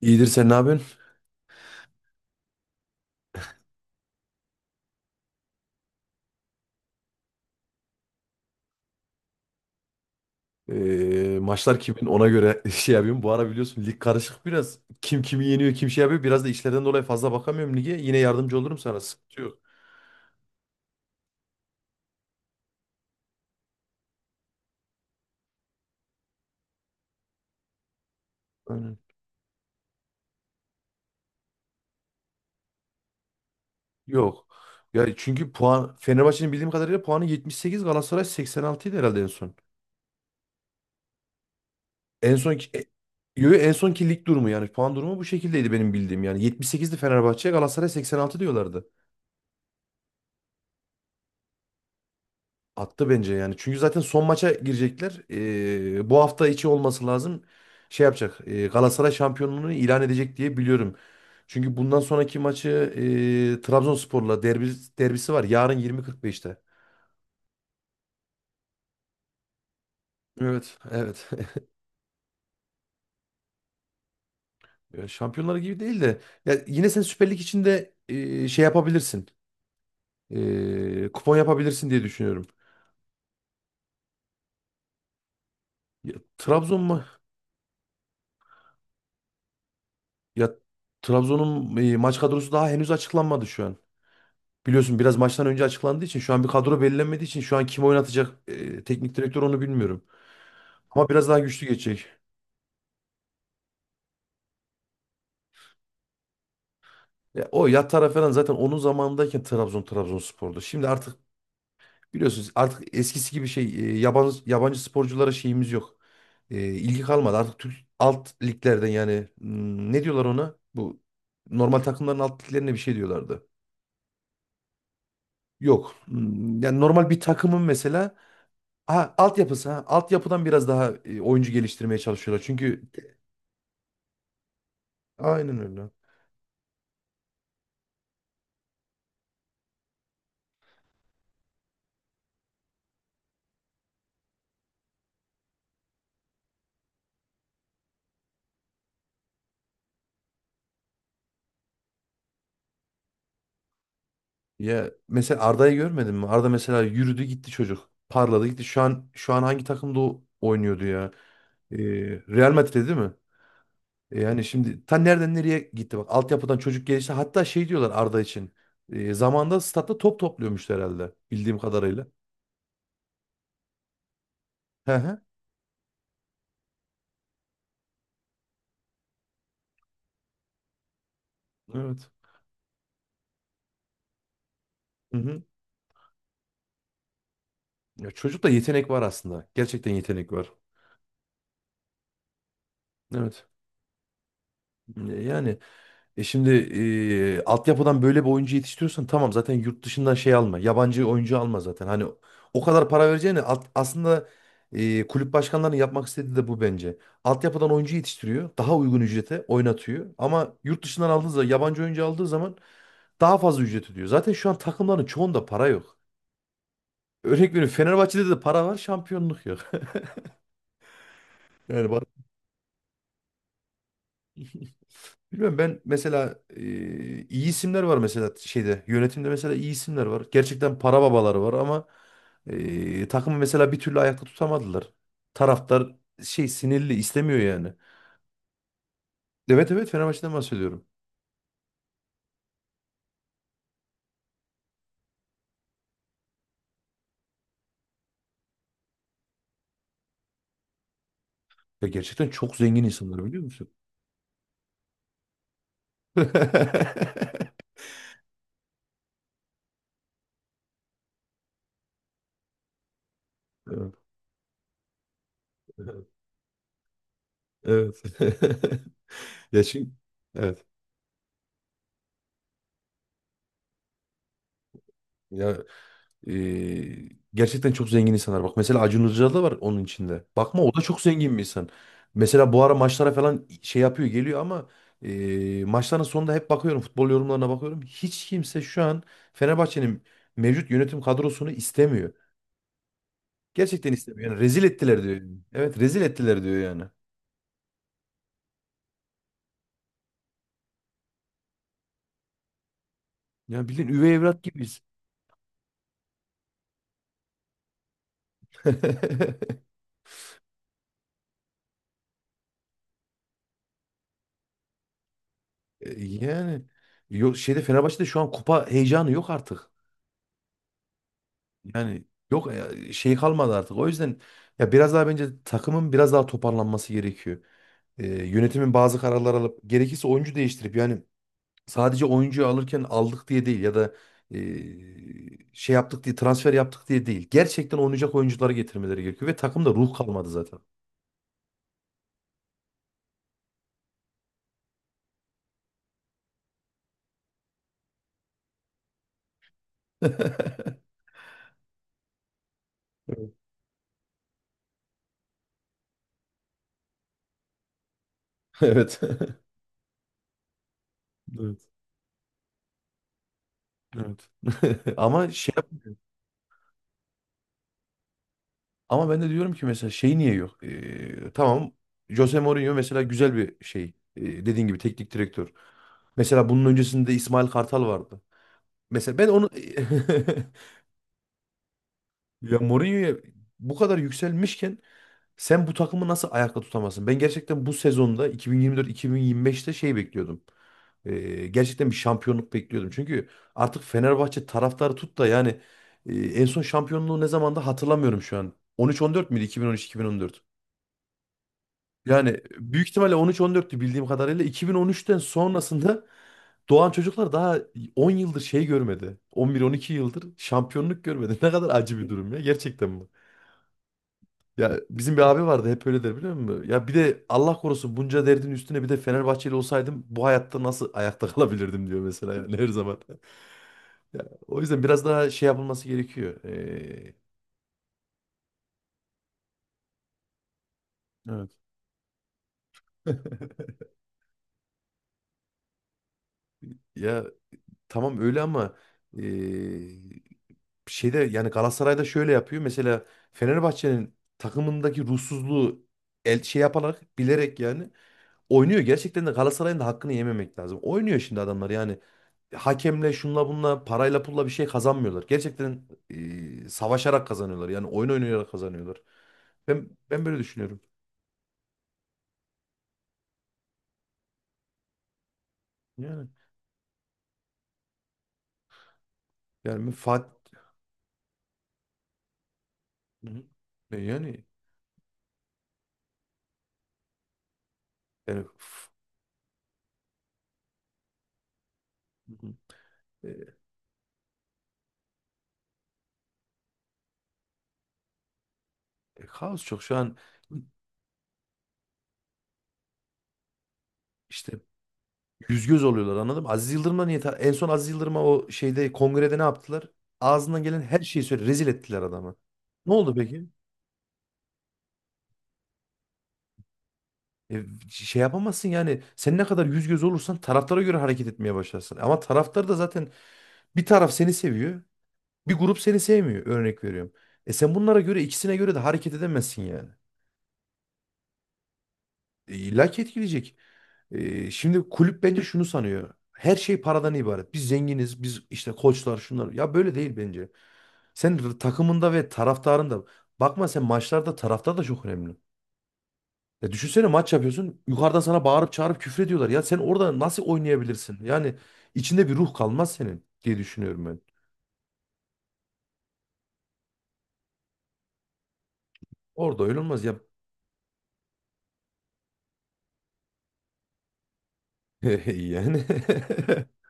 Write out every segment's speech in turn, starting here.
İyidir sen ne yapıyorsun? Maçlar kimin ona göre şey yapıyorum. Bu ara biliyorsun lig karışık biraz. Kim kimi yeniyor kim şey yapıyor. Biraz da işlerden dolayı fazla bakamıyorum lige. Yine yardımcı olurum sana. Sıkıntı yok. Aynen. Yok. Ya çünkü puan Fenerbahçe'nin, bildiğim kadarıyla, puanı 78, Galatasaray 86 idi herhalde en son. En son, yo, yo, en sonki lig durumu yani puan durumu bu şekildeydi benim bildiğim yani. 78'di Fenerbahçe, Galatasaray 86 diyorlardı. Attı bence yani. Çünkü zaten son maça girecekler. Bu hafta içi olması lazım. Şey yapacak. Galatasaray şampiyonluğunu ilan edecek diye biliyorum. Çünkü bundan sonraki maçı Trabzonspor'la derbisi var. Yarın 20.45'te. Evet, evet. Ya Şampiyonlar gibi değil de ya yine sen Süper Lig içinde şey yapabilirsin. Kupon yapabilirsin diye düşünüyorum. Ya, Trabzon mu? Ya Trabzon'un maç kadrosu daha henüz açıklanmadı şu an. Biliyorsun biraz maçtan önce açıklandığı için şu an bir kadro belirlenmediği için şu an kim oynatacak, teknik direktör, onu bilmiyorum. Ama biraz daha güçlü geçecek. Ya, o Yatara falan zaten onun zamanındayken Trabzon Trabzonspor'du. Şimdi artık biliyorsunuz artık eskisi gibi şey, yabancı sporculara şeyimiz yok. İlgi kalmadı. Artık Türk alt liglerden yani, ne diyorlar ona? Bu normal takımların alt liglerine bir şey diyorlardı. Yok. Yani normal bir takımın mesela. Ha, altyapısı ha. Altyapıdan biraz daha oyuncu geliştirmeye çalışıyorlar. Çünkü aynen öyle. Ya mesela Arda'yı görmedin mi? Arda mesela yürüdü gitti çocuk. Parladı gitti. Şu an hangi takımda oynuyordu ya? Ee, Real Madrid'de değil mi? Yani şimdi ta nereden nereye gitti bak. Altyapıdan çocuk gelişti. Hatta şey diyorlar Arda için. Zamanında statta top topluyormuş herhalde. Bildiğim kadarıyla. He he. Evet. Hı hı. Ya çocukta yetenek var aslında. Gerçekten yetenek var. Evet. Yani, şimdi, altyapıdan böyle bir oyuncu yetiştiriyorsan tamam, zaten yurt dışından şey alma. Yabancı oyuncu alma zaten. Hani o kadar para vereceğine, aslında, kulüp başkanlarının yapmak istediği de bu bence. Altyapıdan oyuncu yetiştiriyor. Daha uygun ücrete oynatıyor. Ama yurt dışından aldığı zaman, yabancı oyuncu aldığı zaman, daha fazla ücret ödüyor. Zaten şu an takımların çoğunda para yok. Örnek veriyorum, Fenerbahçe'de de para var, şampiyonluk yok. Yani bilmiyorum, ben mesela, iyi isimler var mesela şeyde, yönetimde mesela iyi isimler var. Gerçekten para babaları var ama, takımı mesela bir türlü ayakta tutamadılar. Taraftar şey, sinirli, istemiyor yani. Evet, evet, Fenerbahçe'den bahsediyorum. Ya gerçekten çok zengin insanlar, biliyor musun? Evet. Evet. Evet. Ya şimdi, evet. Ya gerçekten çok zengin insanlar. Bak mesela Acun Ilıcalı da var onun içinde. Bakma, o da çok zengin bir insan. Mesela bu ara maçlara falan şey yapıyor, geliyor ama maçların sonunda hep bakıyorum, futbol yorumlarına bakıyorum. Hiç kimse şu an Fenerbahçe'nin mevcut yönetim kadrosunu istemiyor. Gerçekten istemiyor. Yani rezil ettiler diyor yani. Evet, rezil ettiler diyor yani. Ya bildiğin üvey evlat gibiyiz. Yani yok, şeyde, Fenerbahçe'de şu an kupa heyecanı yok artık. Yani yok ya, şey kalmadı artık. O yüzden ya biraz daha, bence, takımın biraz daha toparlanması gerekiyor. Yönetimin bazı kararlar alıp, gerekirse oyuncu değiştirip, yani sadece oyuncuyu alırken aldık diye değil ya da şey yaptık diye, transfer yaptık diye değil. Gerçekten oynayacak oyuncuları getirmeleri gerekiyor ve takımda ruh kalmadı zaten. Evet. Evet. Evet. E, Ama şey yap- ama ben de diyorum ki mesela şey niye yok? Tamam, Jose Mourinho mesela güzel bir şey. Dediğin gibi teknik direktör. Mesela bunun öncesinde İsmail Kartal vardı. Mesela ben onu ya Mourinho'ya bu kadar yükselmişken sen bu takımı nasıl ayakta tutamazsın? Ben gerçekten bu sezonda, 2024-2025'te şey bekliyordum. Gerçekten bir şampiyonluk bekliyordum. Çünkü artık Fenerbahçe taraftarı tut da yani, en son şampiyonluğu ne zamanda hatırlamıyorum şu an. 13-14 müydü? 2013-2014. Yani büyük ihtimalle 13-14'tü bildiğim kadarıyla. 2013'ten sonrasında doğan çocuklar daha 10 yıldır şey görmedi. 11-12 yıldır şampiyonluk görmedi. Ne kadar acı bir durum ya, gerçekten bu. Ya bizim bir abi vardı, hep öyle der, biliyor musun? Ya, bir de Allah korusun, bunca derdin üstüne bir de Fenerbahçeli olsaydım bu hayatta nasıl ayakta kalabilirdim diyor mesela, yani her zaman. Ya, o yüzden biraz daha şey yapılması gerekiyor. Evet. Ya, tamam öyle ama e, şeyde, yani Galatasaray'da şöyle yapıyor. Mesela Fenerbahçe'nin takımındaki ruhsuzluğu, şey yaparak, bilerek yani oynuyor. Gerçekten de Galatasaray'ın da hakkını yememek lazım. Oynuyor şimdi adamlar yani. Hakemle, şunla bunla, parayla pulla bir şey kazanmıyorlar. Gerçekten, savaşarak kazanıyorlar. Yani oyun oynayarak kazanıyorlar. Ben böyle düşünüyorum. Yani yani, Fatih, yani yani. Hı hı. e, Kaos çok şu an, işte yüz göz oluyorlar, anladın mı? Aziz Yıldırım'la niye, en son Aziz Yıldırım'a o şeyde, kongrede ne yaptılar? Ağzından gelen her şeyi söyle, rezil ettiler adamı. Ne oldu peki? E, şey yapamazsın, yani sen ne kadar yüz göz olursan taraftara göre hareket etmeye başlarsın. Ama taraftar da zaten bir taraf seni seviyor, bir grup seni sevmiyor, örnek veriyorum. Sen bunlara göre, ikisine göre de hareket edemezsin yani. İlla ki etkileyecek. Şimdi kulüp bence şunu sanıyor: her şey paradan ibaret. Biz zenginiz, biz işte koçlar şunlar. Ya böyle değil bence. Sen takımında ve taraftarında, bakma, sen maçlarda, taraftar da çok önemli. Ya düşünsene, maç yapıyorsun. Yukarıdan sana bağırıp çağırıp küfür ediyorlar. Ya sen orada nasıl oynayabilirsin? Yani içinde bir ruh kalmaz senin, diye düşünüyorum ben. Orada öyle olmaz ya. Yani.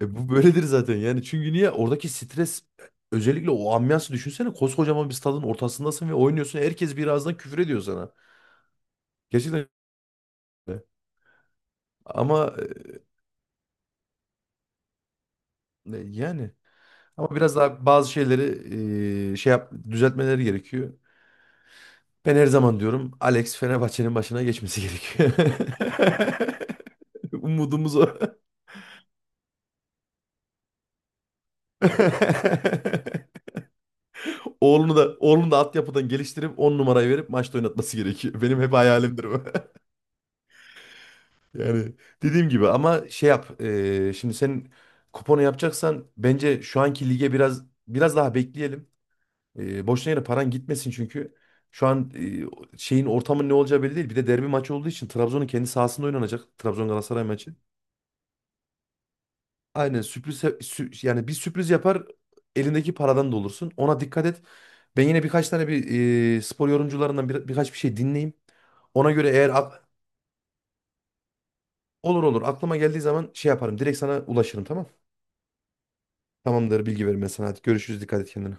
Bu böyledir zaten, yani çünkü niye, oradaki stres, özellikle o ambiyansı düşünsene, koskocaman bir stadın ortasındasın ve oynuyorsun, herkes birazdan küfür ediyor sana. Gerçekten öyle. Ama yani, ama biraz daha bazı şeyleri şey yap, düzeltmeleri gerekiyor. Ben her zaman diyorum, Alex Fenerbahçe'nin başına geçmesi gerekiyor. Umudumuz o. Oğlunu da, oğlunu da altyapıdan geliştirip, 10 numarayı verip maçta oynatması gerekiyor. Benim hep hayalimdir bu. Yani dediğim gibi, ama şey yap, şimdi sen kuponu yapacaksan bence şu anki lige biraz daha bekleyelim. Boşuna yere paran gitmesin çünkü. Şu an şeyin, ortamın ne olacağı belli değil. Bir de derbi maçı olduğu için Trabzon'un kendi sahasında oynanacak, Trabzon Galatasaray maçı. Aynen, sürpriz yani, bir sürpriz yapar, elindeki paradan da olursun. Ona dikkat et. Ben yine birkaç tane bir spor yorumcularından birkaç bir şey dinleyeyim. Ona göre, eğer olur olur aklıma geldiği zaman şey yaparım. Direkt sana ulaşırım, tamam? Tamamdır, bilgi verim ben sana. Hadi görüşürüz. Dikkat et kendine.